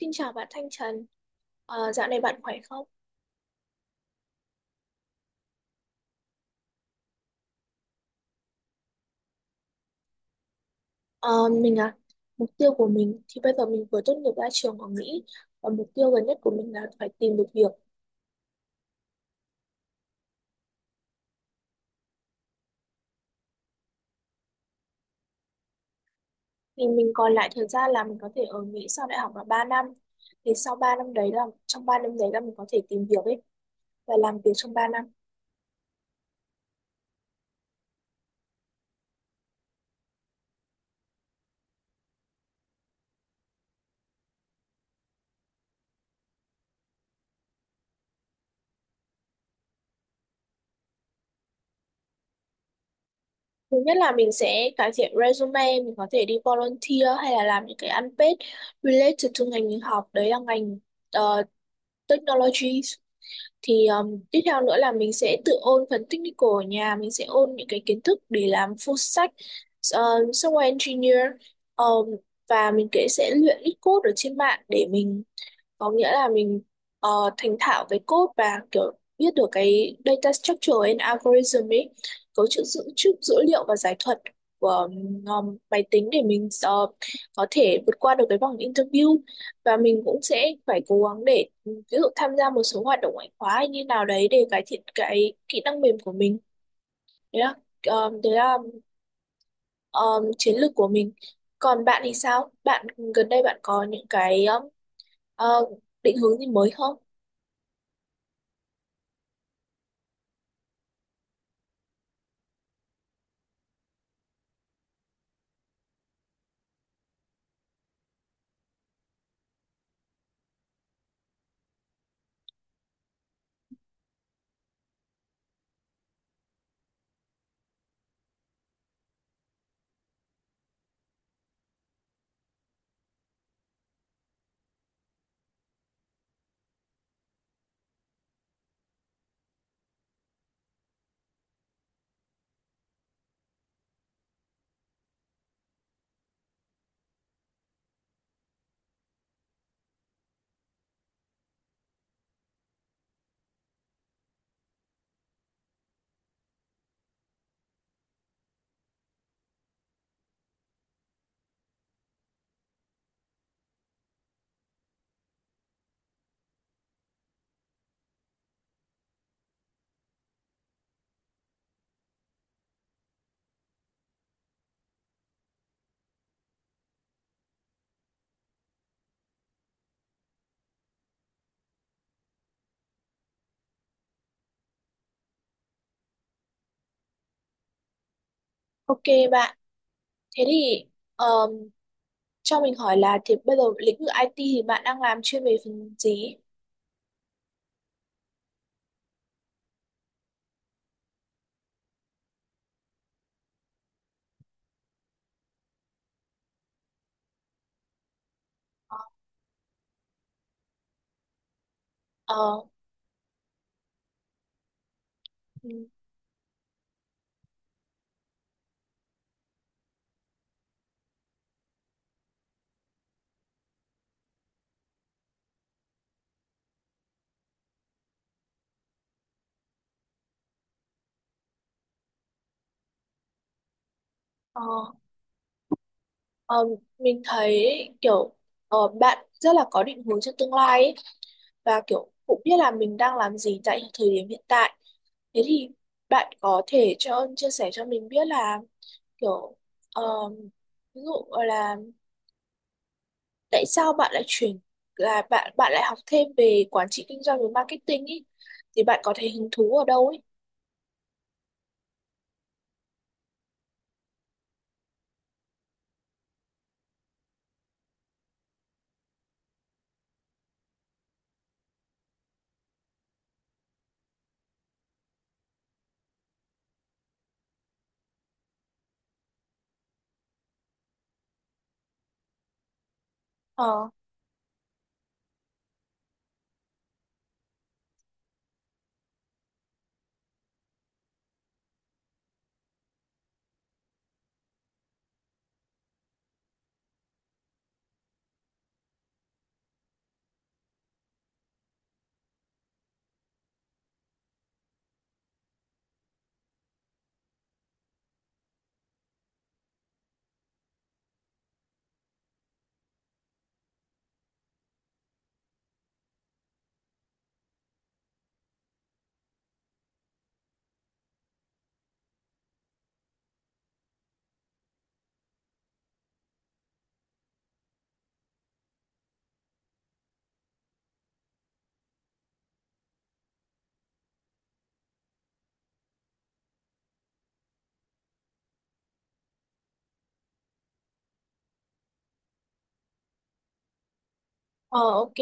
Xin chào bạn Thanh Trần. Dạo này bạn khỏe không? Ờ, mình à, Mục tiêu của mình thì bây giờ mình vừa tốt nghiệp ra trường ở Mỹ và mục tiêu gần nhất của mình là phải tìm được việc. Thì mình còn lại thời gian là mình có thể ở Mỹ sau đại học là 3 năm. Thì sau 3 năm đấy là trong 3 năm đấy là mình có thể tìm việc ấy và làm việc trong 3 năm. Thứ nhất là mình sẽ cải thiện resume, mình có thể đi volunteer hay là làm những cái unpaid related to ngành mình học, đấy là ngành ờ, technology. Thì tiếp theo nữa là mình sẽ tự ôn phần technical ở nhà, mình sẽ ôn những cái kiến thức để làm full stack uh, software engineer, um, và mình kể sẽ luyện ít code ở trên mạng để mình, có nghĩa là mình ờ, thành thạo về code, và kiểu biết được cái data structure and algorithm ấy, cấu trúc dữ liệu và giải thuật của máy tính, để mình có thể vượt qua được cái vòng interview. Và mình cũng sẽ phải cố gắng để, ví dụ tham gia một số hoạt động ngoại khóa hay như nào đấy để cải thiện cái kỹ năng mềm của mình. Đấy là ờ, đấy là ờ, chiến lược của mình. Còn bạn thì sao? Bạn gần đây bạn có những cái ờ, định hướng gì mới không? Ok bạn, thế thì um, cho mình hỏi là thì bây giờ lĩnh vực IT thì bạn đang làm chuyên về phần gì? Ờ. Ừ. Ờ. Ờ. Mình thấy kiểu bạn rất là có định hướng cho tương lai ấy, và kiểu cũng biết là mình đang làm gì tại thời điểm hiện tại. Thế thì bạn có thể cho chia sẻ cho mình biết là kiểu um, ví dụ là tại sao bạn lại chuyển, là bạn bạn lại học thêm về quản trị kinh doanh và marketing ý? Thì bạn có thấy hứng thú ở đâu ấy? Ờ. Ờ, ok.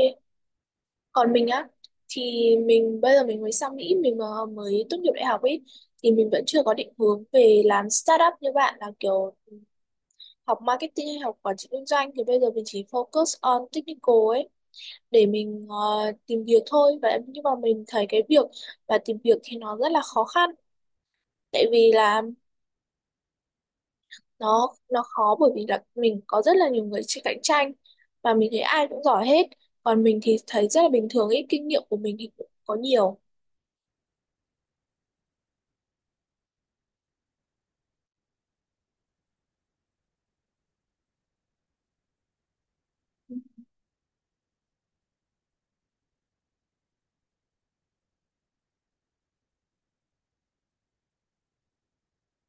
Còn mình á, thì mình bây giờ mình mới sang Mỹ, mình mới tốt nghiệp đại học ấy, thì mình vẫn chưa có định hướng về làm startup như bạn, là kiểu học marketing hay học quản trị kinh doanh. Thì bây giờ mình chỉ focus on technical ấy để mình tìm việc thôi. Và nhưng mà mình thấy cái việc và tìm việc thì nó rất là khó khăn, tại vì là nó khó, bởi vì là mình có rất là nhiều người chỉ cạnh tranh và mình thấy ai cũng giỏi hết. Còn mình thì thấy rất là bình thường ấy, kinh nghiệm của mình thì cũng có nhiều.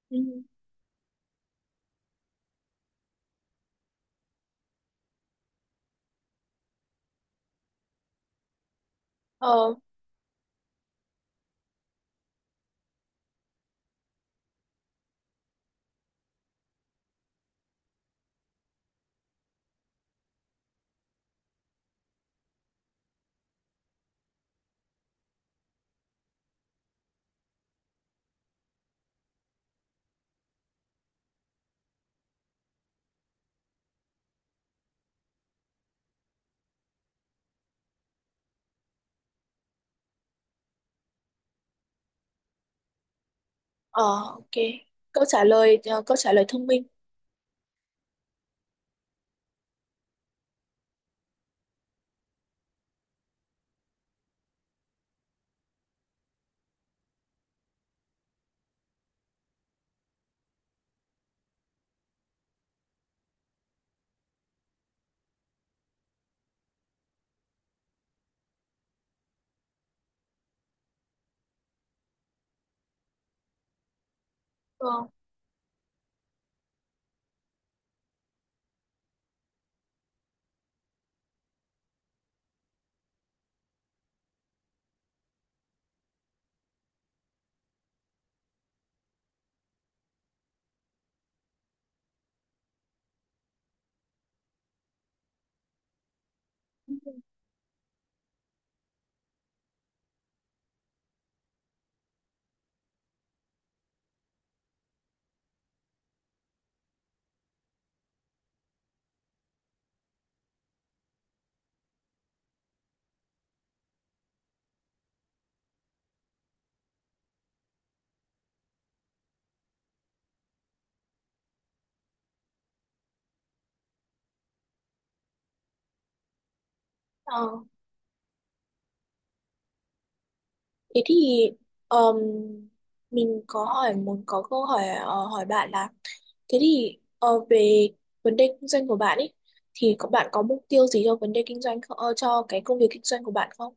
Ừ. Ờ. Ờ, ok. Câu trả lời thông minh. Ờ. Ờ. Thế thì ờm, mình có hỏi muốn có câu hỏi hỏi bạn là, thế thì về vấn đề kinh doanh của bạn ấy, thì có bạn có mục tiêu gì cho vấn đề kinh doanh không, cho cái công việc kinh doanh của bạn không?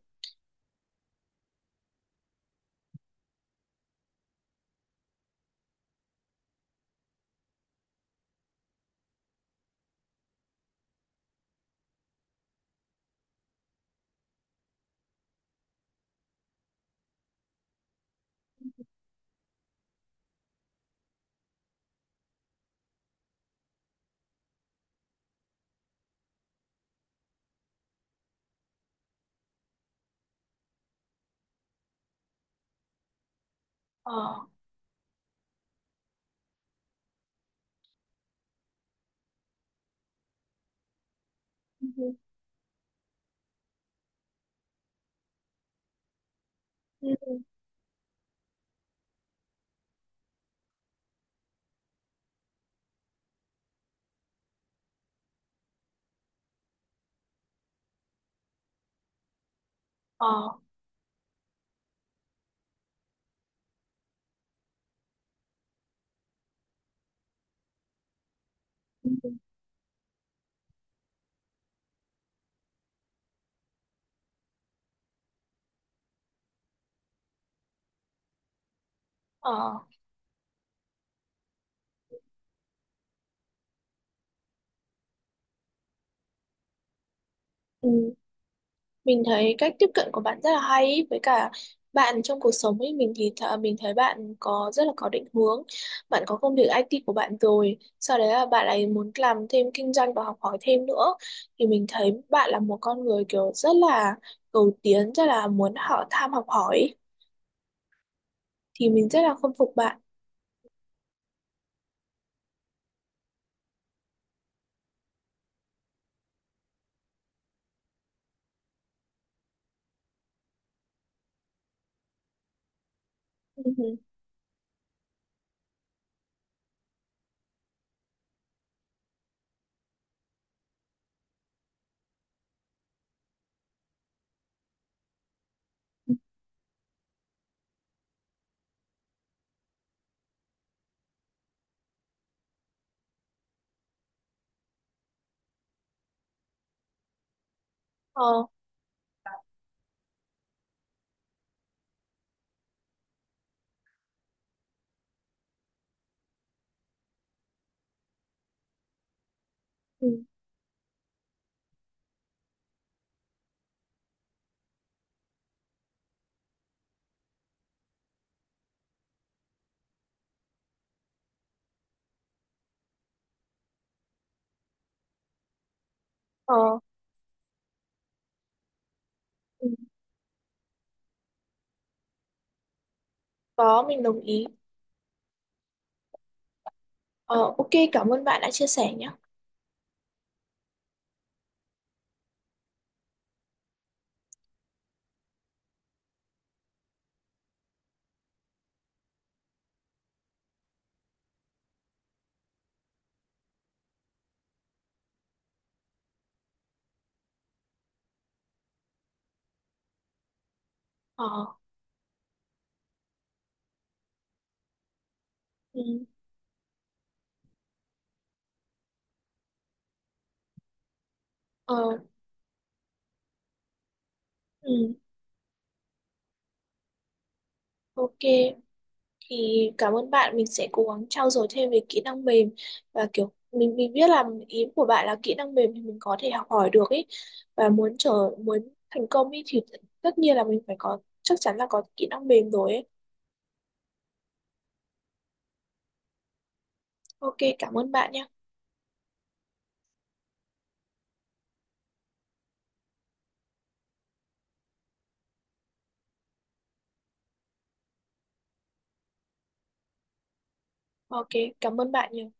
Ờ. Ừ. Ừ. Ờ. Ừ. Ờ. Ừ. Mình thấy cách tiếp cận của bạn rất là hay ý, với cả bạn trong cuộc sống ấy, mình thì mình thấy bạn có rất là có định hướng. Bạn có công việc IT của bạn rồi, sau đấy là bạn ấy muốn làm thêm kinh doanh và học hỏi thêm nữa, thì mình thấy bạn là một con người kiểu rất là cầu tiến, rất là muốn họ tham học hỏi ý. Thì mình rất là khâm phục bạn. Ừ, ừ. Ờ. Ừ. Ờ. Ừ. Có, mình đồng ý. Ờ, ok, cảm ơn bạn đã chia sẻ nhé. Ờ. Ừ. Ờ. Ừ. Ok. Thì cảm ơn bạn, mình sẽ cố gắng trau dồi thêm về kỹ năng mềm, và kiểu mình biết là ý của bạn là kỹ năng mềm thì mình có thể học hỏi được ấy, và muốn muốn thành công ấy thì tất nhiên là mình phải có, chắc chắn là có kỹ năng mềm rồi ấy. Ok, cảm ơn bạn nhé. Ok, cảm ơn bạn nhiều.